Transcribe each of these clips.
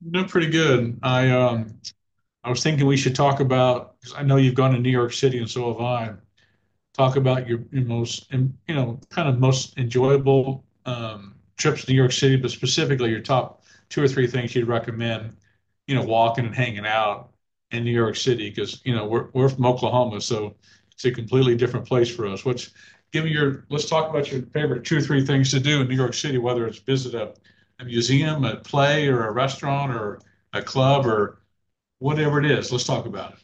No, pretty good. I was thinking we should talk about because I know you've gone to New York City and so have I, talk about your most, kind of most enjoyable trips to New York City, but specifically your top two or three things you'd recommend, you know, walking and hanging out in New York City because, you know, we're from Oklahoma, so it's a completely different place for us. Give me your, let's talk about your favorite two or three things to do in New York City, whether it's visit a museum, a play, or a restaurant, or a club, or whatever it is. Let's talk about it.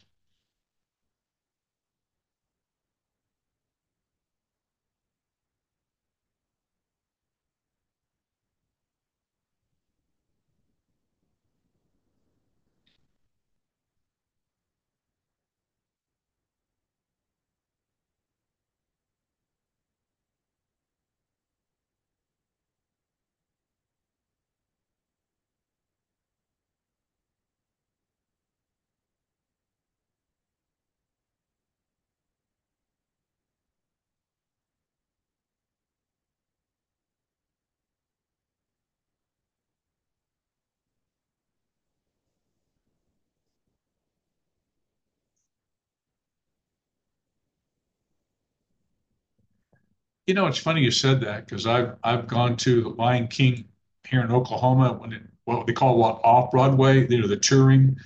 You know, it's funny you said that because I've gone to the Lion King here in Oklahoma when it, what they call, what, off Broadway, you know, the touring.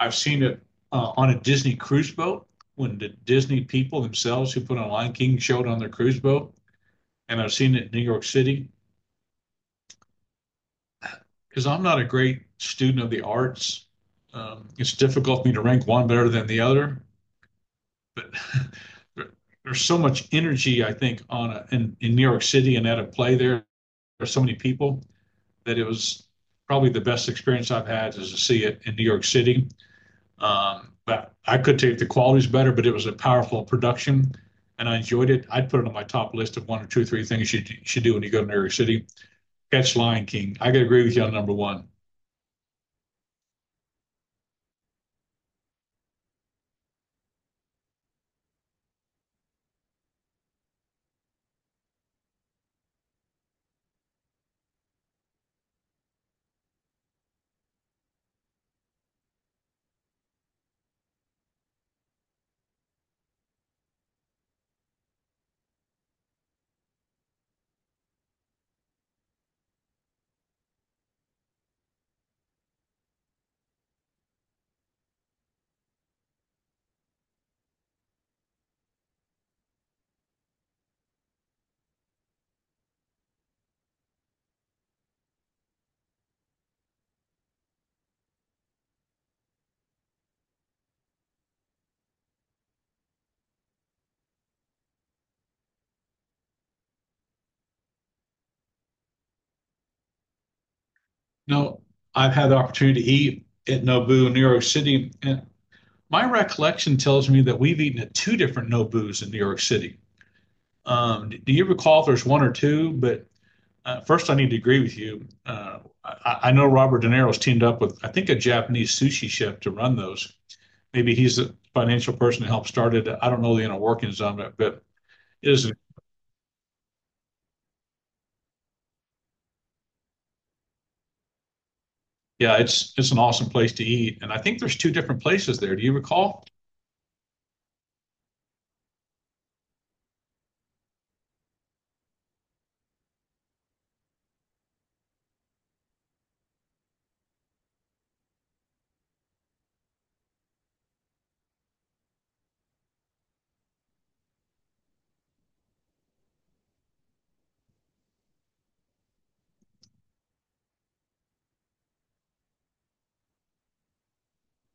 I've seen it on a Disney cruise boat when the Disney people themselves who put on Lion King showed on their cruise boat, and I've seen it in New York City because I'm not a great student of the arts. It's difficult for me to rank one better than the other, but there, there's so much energy I think on in New York City and at a play there. There's so many people that it was probably the best experience I've had is to see it in New York City. But I could take, the quality's better, but it was a powerful production and I enjoyed it. I'd put it on my top list of one or two, three things you should do when you go to New York City. Catch Lion King. I could agree with you on number one. No, I've had the opportunity to eat at Nobu in New York City. And my recollection tells me that we've eaten at two different Nobus in New York City. Do you recall if there's one or two? But first, I need to agree with you. I know Robert De Niro's teamed up with, I think, a Japanese sushi chef to run those. Maybe he's the financial person to help start it. I don't know the inner workings of it, but it is, yeah, it's an awesome place to eat. And I think there's two different places there. Do you recall?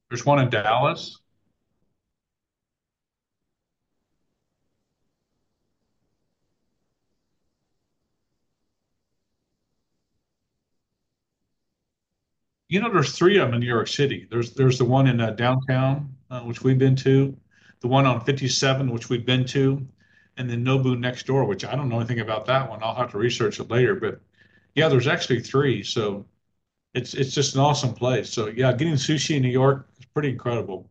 There's one in Dallas. You know, there's three of them in New York City. There's the one in downtown, which we've been to, the one on 57th, which we've been to, and then Nobu next door, which I don't know anything about that one. I'll have to research it later. But yeah, there's actually three. So it's just an awesome place. So yeah, getting sushi in New York is pretty incredible.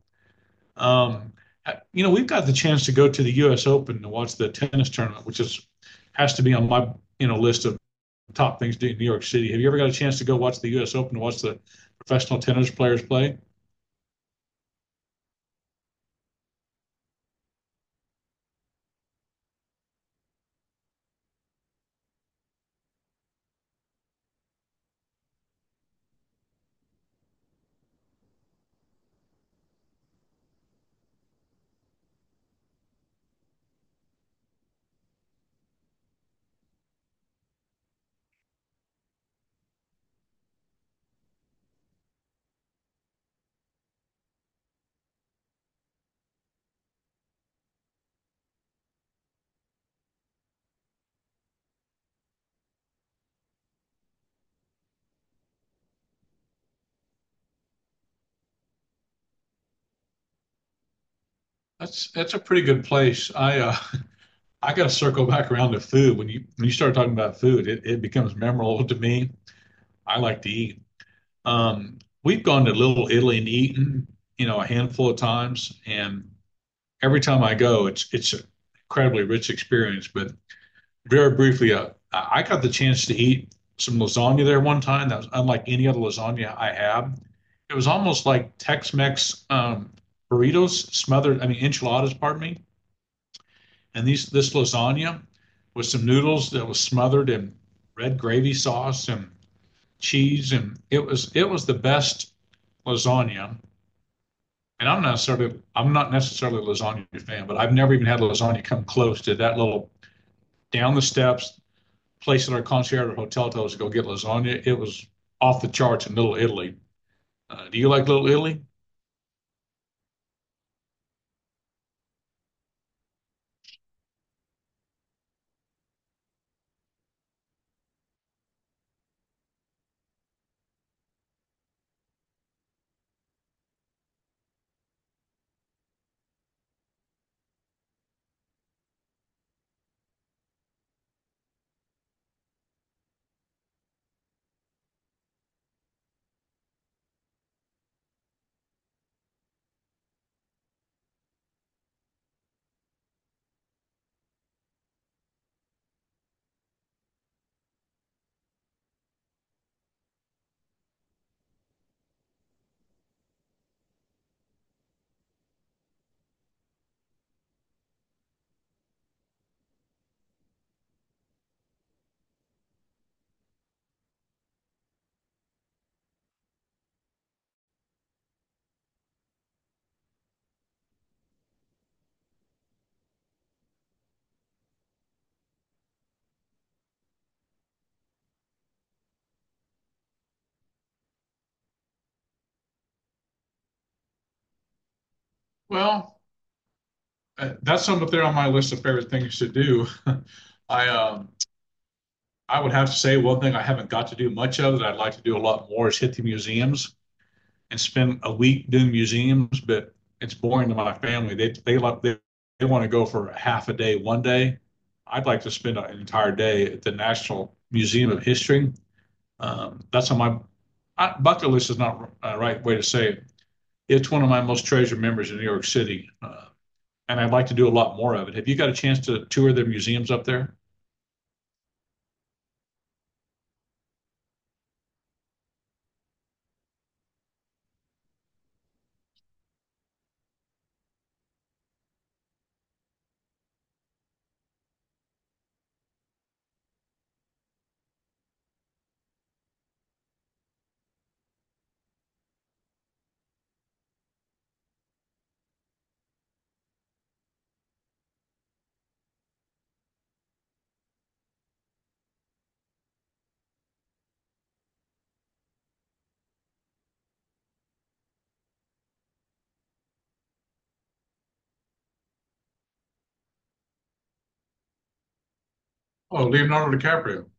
Um, you know, we've got the chance to go to the U.S. Open to watch the tennis tournament, which is has to be on my, you know, list of top things to do in New York City. Have you ever got a chance to go watch the U.S. Open, watch the professional tennis players play? That's a pretty good place. I I got to circle back around to food. When you start talking about food, it becomes memorable to me. I like to eat. We've gone to Little Italy and eaten, you know, a handful of times, and every time I go, it's an incredibly rich experience. But very briefly, I got the chance to eat some lasagna there one time. That was unlike any other lasagna I had. It was almost like Tex-Mex burritos smothered, I mean enchiladas, pardon me. And these this lasagna with some noodles that was smothered in red gravy sauce and cheese, and it was the best lasagna. And I'm not necessarily a lasagna fan, but I've never even had a lasagna come close to that little down the steps, place in our concierge at hotel told us to go get lasagna. It was off the charts in Little Italy. Do you like Little Italy? Well, that's something up there on my list of favorite things to do. I um, I would have to say one thing I haven't got to do much of that I'd like to do a lot more is hit the museums and spend a week doing museums, but it's boring to my family. They want to go for half a day one day. I'd like to spend an entire day at the National Museum of History. That's on my, bucket list is not a right way to say it. It's one of my most treasured memories in New York City, and I'd like to do a lot more of it. Have you got a chance to tour the museums up there? Oh, Leonardo DiCaprio.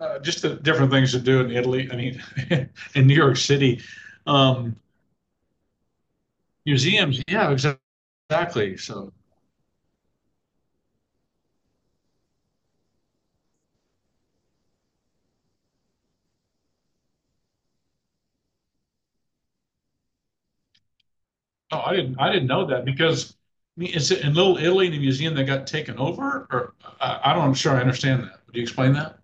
Just the different things to do in Italy. I mean, in New York City, um, museums. Yeah, exactly. So oh, I didn't. I didn't know that because I mean, is it in Little Italy the museum that got taken over? Or I don't. I'm sure I understand that. Would you explain that?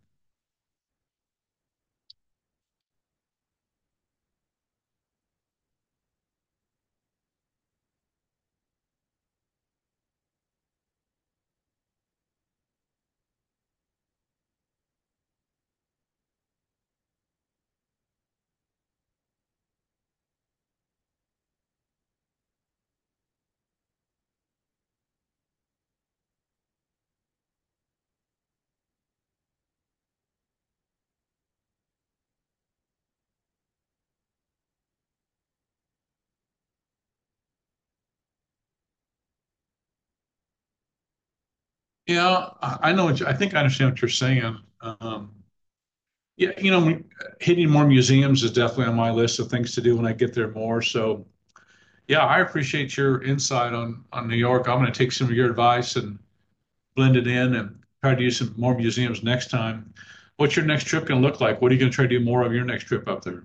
Yeah, I know what you, I think I understand what you're saying. Yeah, you know, hitting more museums is definitely on my list of things to do when I get there more. So, yeah, I appreciate your insight on New York. I'm going to take some of your advice and blend it in and try to use some more museums next time. What's your next trip going to look like? What are you going to try to do more of your next trip up there?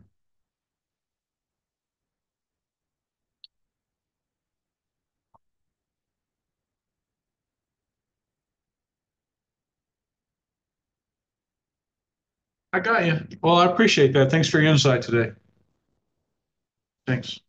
I got you. Well, I appreciate that. Thanks for your insight today. Thanks.